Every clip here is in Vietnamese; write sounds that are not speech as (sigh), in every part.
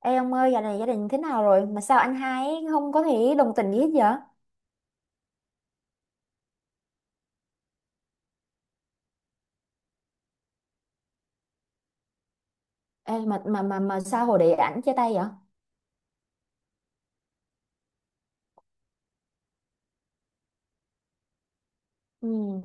Ê ông ơi, dạo này gia đình thế nào rồi? Mà sao anh hai ấy không có thể đồng tình gì hết vậy? Ê, mà sao hồi đấy ảnh chia tay vậy? Ừ,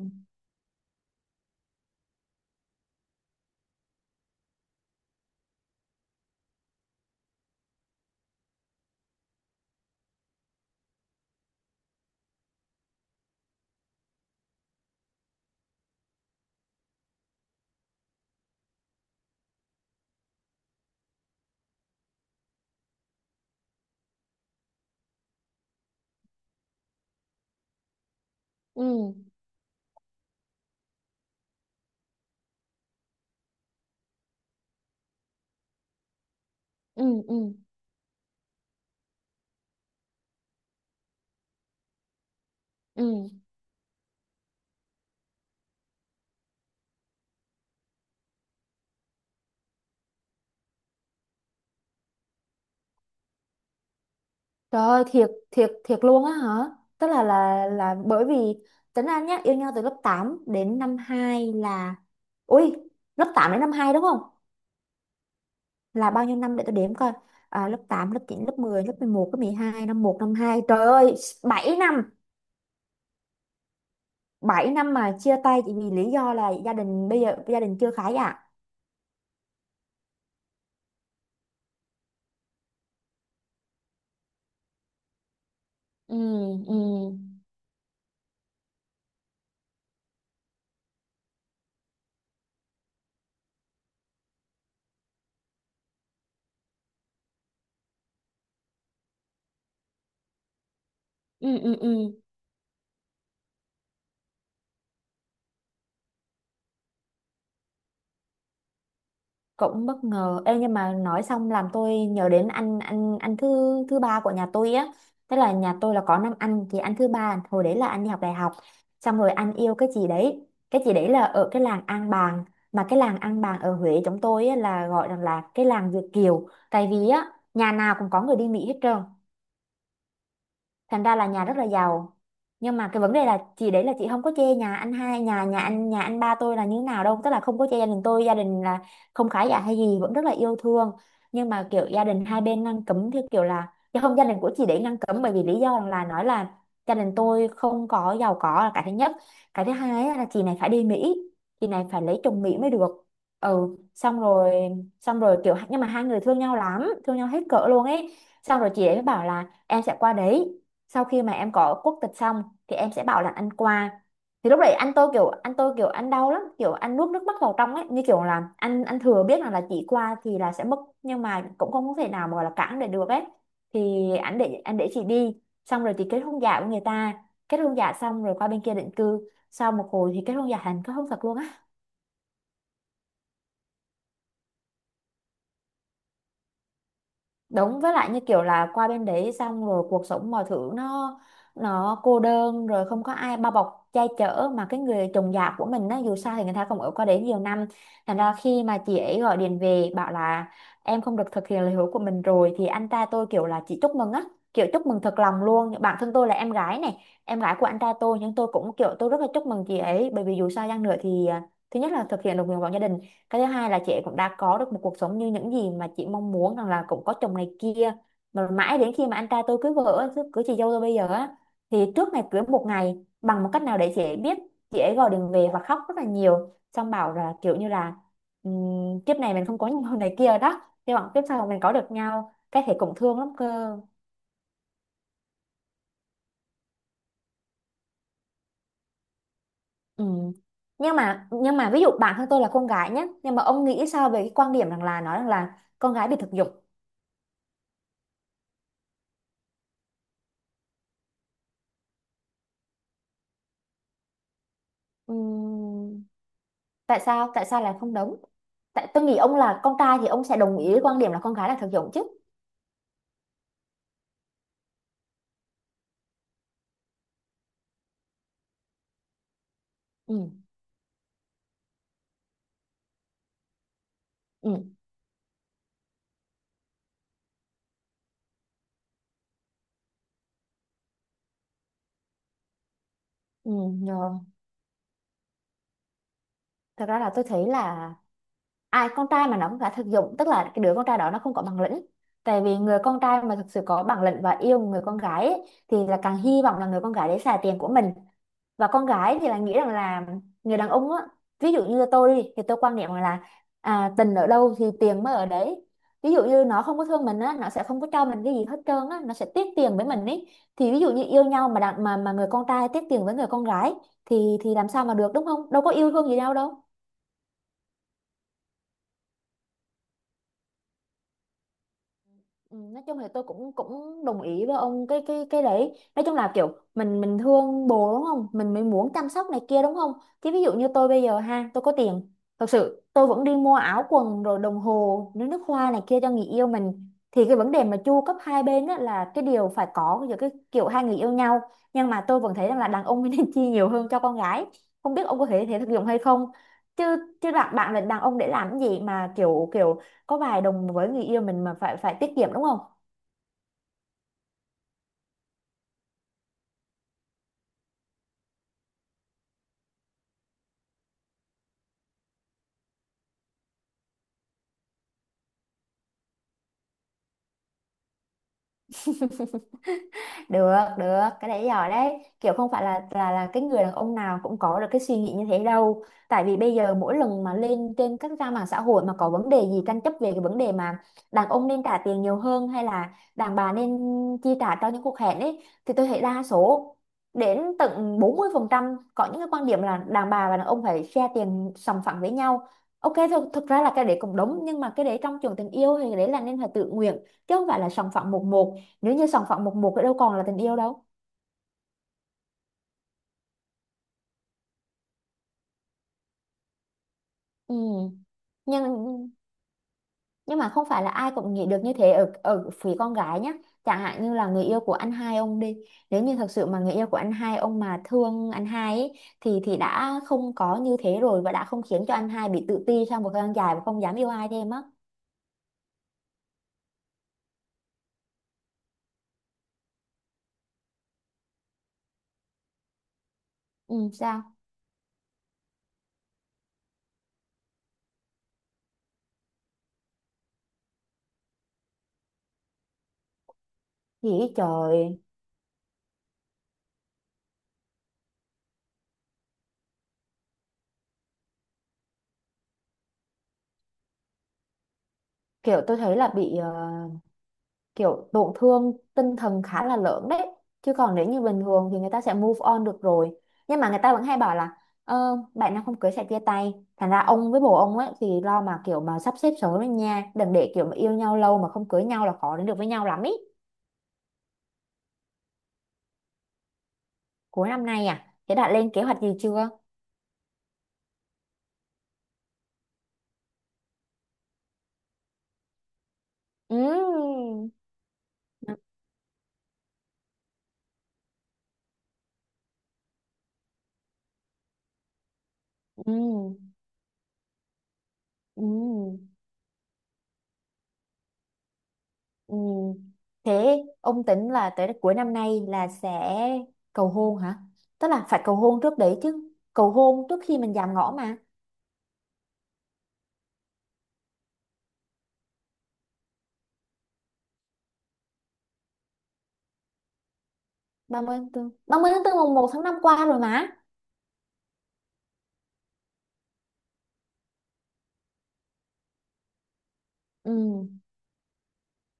ừ, ừ, ừ, ừ. Trời ơi, thiệt thiệt thiệt luôn á hả? Tức là bởi vì tính anh nhá, yêu nhau từ lớp 8 đến năm 2 là, Ui, lớp 8 đến năm 2 đúng không? Là bao nhiêu năm để tôi đếm coi. À, lớp 8, lớp 9, lớp 10, lớp 11, lớp 12, năm một, năm 2, Trời ơi, 7 năm. Bảy năm mà chia tay chỉ vì lý do là gia đình bây giờ gia đình chưa khá giả. Ừ, ừ, ừ, ừ, ừ. Cũng bất ngờ. Ê, nhưng mà nói xong làm tôi nhớ đến anh thứ thứ ba của nhà tôi á, tức là nhà tôi là có năm anh thì anh thứ ba hồi đấy là anh đi học đại học, xong rồi anh yêu cái chị đấy. Cái chị đấy là ở cái làng An Bàng, mà cái làng An Bàng ở Huế chúng tôi á, là gọi rằng là cái làng Việt Kiều, tại vì á nhà nào cũng có người đi Mỹ hết trơn, thành ra là nhà rất là giàu. Nhưng mà cái vấn đề là chị đấy là chị không có chê nhà anh hai nhà nhà anh ba tôi là như thế nào đâu, tức là không có chê gia đình tôi, gia đình là không khá giả hay gì, vẫn rất là yêu thương. Nhưng mà kiểu gia đình hai bên ngăn cấm theo kiểu là, chứ không, gia đình của chị đấy ngăn cấm bởi vì lý do là nói là gia đình tôi không có giàu có là cái thứ nhất. Cái thứ hai á là chị này phải đi Mỹ, chị này phải lấy chồng Mỹ mới được. Ừ, xong rồi, xong rồi kiểu, nhưng mà hai người thương nhau lắm, thương nhau hết cỡ luôn ấy. Xong rồi chị ấy mới bảo là em sẽ qua đấy, sau khi mà em có quốc tịch xong thì em sẽ bảo là ăn qua. Thì lúc đấy anh tôi kiểu, anh tôi kiểu ăn đau lắm, kiểu ăn nuốt nước mắt vào trong ấy, như kiểu là anh thừa biết là chỉ qua thì là sẽ mất, nhưng mà cũng không có thể nào mà gọi là cản để được ấy. Thì anh để chị đi, xong rồi thì kết hôn giả với người ta. Kết hôn giả xong rồi qua bên kia định cư, sau một hồi thì kết hôn giả thành kết hôn thật luôn. Đúng, với lại như kiểu là qua bên đấy xong rồi cuộc sống mọi thứ nó cô đơn, rồi không có ai bao bọc che chở, mà cái người chồng già của mình á, dù sao thì người ta cũng ở qua đấy nhiều năm. Thành ra khi mà chị ấy gọi điện về bảo là em không được thực hiện lời hứa của mình rồi, thì anh trai tôi kiểu là chị chúc mừng á, kiểu chúc mừng thật lòng luôn. Bản thân tôi là em gái này, em gái của anh trai tôi, nhưng tôi cũng kiểu tôi rất là chúc mừng chị ấy, bởi vì dù sao chăng nữa thì à, thứ nhất là thực hiện được nguyện vọng gia đình, cái thứ hai là chị cũng đã có được một cuộc sống như những gì mà chị mong muốn, rằng là cũng có chồng này kia. Mà mãi đến khi mà anh trai tôi cưới vợ, cưới chị dâu tôi bây giờ á, thì trước ngày cưới một ngày, bằng một cách nào để chị ấy biết, chị ấy gọi điện về và khóc rất là nhiều, xong bảo là kiểu như là kiếp này mình không có nhau này kia đó, hy vọng kiếp sau mình có được nhau, cái thể cũng thương lắm cơ. Ừ. nhưng mà ví dụ bản thân tôi là con gái nhé, nhưng mà ông nghĩ sao về cái quan điểm rằng là nói rằng là con gái bị thực dụng? Ừm, Tại sao, là không đúng? Tại tôi nghĩ ông là con trai thì ông sẽ đồng ý với quan điểm là con gái là thực dụng chứ. Ừ, ừ, ừ, rồi. Thật ra là tôi thấy là ai con trai mà nó cũng đã thực dụng, tức là cái đứa con trai đó nó không có bản lĩnh. Tại vì người con trai mà thực sự có bản lĩnh và yêu người con gái ấy, thì là càng hy vọng là người con gái đấy xài tiền của mình. Và con gái thì là nghĩ rằng là người đàn ông á, ví dụ như tôi đi thì tôi quan niệm rằng là à, tình ở đâu thì tiền mới ở đấy. Ví dụ như nó không có thương mình á, nó sẽ không có cho mình cái gì hết trơn á, nó sẽ tiếc tiền với mình ấy. Thì ví dụ như yêu nhau mà đàn, mà người con trai tiếc tiền với người con gái, thì làm sao mà được, đúng không? Đâu có yêu thương gì nhau đâu. Ừ, nói chung thì tôi cũng cũng đồng ý với ông cái cái đấy, nói chung là kiểu mình thương bồ đúng không, mình mới muốn chăm sóc này kia đúng không. Chứ ví dụ như tôi bây giờ ha, tôi có tiền, thật sự tôi vẫn đi mua áo quần rồi đồng hồ nước nước hoa này kia cho người yêu mình, thì cái vấn đề mà chu cấp hai bên á là cái điều phải có giữa cái kiểu hai người yêu nhau. Nhưng mà tôi vẫn thấy rằng là đàn ông (laughs) nên chi nhiều hơn cho con gái, không biết ông có thể thể thực dụng hay không. Chứ, bạn bạn là đàn ông để làm cái gì mà kiểu kiểu có vài đồng với người yêu mình mà phải phải tiết kiệm đúng không. Được, được cái đấy giỏi đấy, kiểu không phải là cái người đàn ông nào cũng có được cái suy nghĩ như thế đâu. Tại vì bây giờ mỗi lần mà lên trên các trang mạng xã hội mà có vấn đề gì tranh chấp về cái vấn đề mà đàn ông nên trả tiền nhiều hơn hay là đàn bà nên chi trả cho những cuộc hẹn ấy, thì tôi thấy đa số đến tận 40% có những cái quan điểm là đàn bà và đàn ông phải share tiền sòng phẳng với nhau. Ok, thực ra là cái đấy cũng đúng, nhưng mà cái đấy trong trường tình yêu thì cái đấy là nên là tự nguyện, chứ không phải là sòng phẳng một một. Nếu như sòng phẳng một một thì đâu còn là tình yêu đâu. Ừ. nhưng nhưng mà không phải là ai cũng nghĩ được như thế ở ở phía con gái nhá. Chẳng hạn như là người yêu của anh hai ông đi, nếu như thật sự mà người yêu của anh hai ông mà thương anh hai ấy, thì đã không có như thế rồi, và đã không khiến cho anh hai bị tự ti sau một thời gian dài và không dám yêu ai thêm á. Ừ, sao? Thì trời, kiểu tôi thấy là bị, kiểu tổn thương tinh thần khá là lớn đấy. Chứ còn nếu như bình thường thì người ta sẽ move on được rồi. Nhưng mà người ta vẫn hay bảo là bạn nào không cưới sẽ chia tay, thành ra ông với bồ ông ấy thì lo mà kiểu mà sắp xếp sớm lên nha, đừng để kiểu mà yêu nhau lâu mà không cưới nhau là khó đến được với nhau lắm ý. Cuối năm nay à, thế đã lên kế hoạch gì chưa? Ừ, ừ, ừ. Ừ. Thế ông tính là tới cuối năm nay là sẽ cầu hôn hả? Tức là phải cầu hôn trước đấy chứ. Cầu hôn trước khi mình giảm ngõ mà. 30 tháng 4. 30 tháng tư mùng một tháng 5 qua rồi mà. Ừ.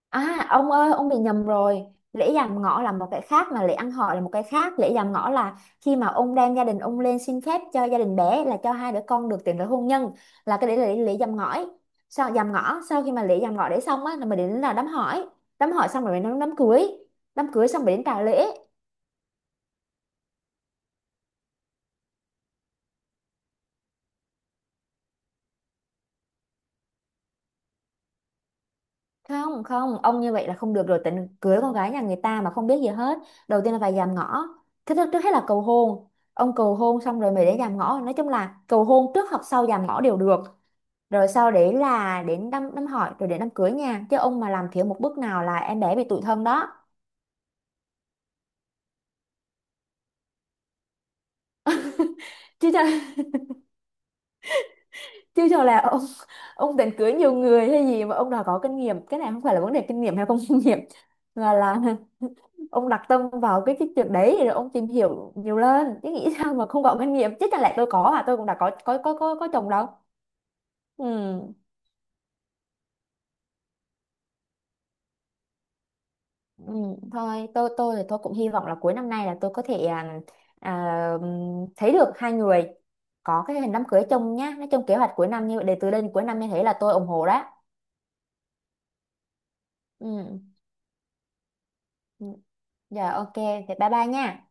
À ông ơi, ông bị nhầm rồi. Lễ dạm ngõ là một cái khác mà lễ ăn hỏi là một cái khác. Lễ dạm ngõ là khi mà ông đem gia đình ông lên xin phép cho gia đình bé là cho hai đứa con được tiến tới hôn nhân, là cái đấy là lễ, lễ dạm ngõ. Sau dạm ngõ, sau khi mà lễ dạm ngõ đấy xong á là mình đến là đám hỏi, đám hỏi xong rồi mới đến đám cưới, đám cưới xong rồi đến trả lễ. Không không ông, như vậy là không được rồi, tính cưới con gái nhà người ta mà không biết gì hết. Đầu tiên là phải dạm ngõ. Thứ nhất trước hết là cầu hôn, ông cầu hôn xong rồi mới đến dạm ngõ, nói chung là cầu hôn trước hoặc sau dạm ngõ đều được. Rồi sau đấy là đến đám đám hỏi, rồi đến đám cưới nha, chứ ông mà làm thiếu một bước nào là em bé bị tủi thân đó. Chứ cho (laughs) chứ cho là ông, định cưới nhiều người hay gì mà ông đòi có kinh nghiệm? Cái này không phải là vấn đề kinh nghiệm hay không kinh nghiệm, mà là ông đặt tâm vào cái chuyện đấy rồi ông tìm hiểu nhiều lên, chứ nghĩ sao mà không có kinh nghiệm, chứ chẳng lẽ tôi có, à tôi cũng đã có chồng đâu. Ừ. Ừ, thôi tôi thì tôi cũng hy vọng là cuối năm nay là tôi có thể thấy được hai người có cái hình đám cưới chung nhá, nói chung kế hoạch cuối năm như vậy, để từ đây đến cuối năm như thế là tôi ủng hộ đó. Ừ. Ừ. Giờ ok thì bye bye nha.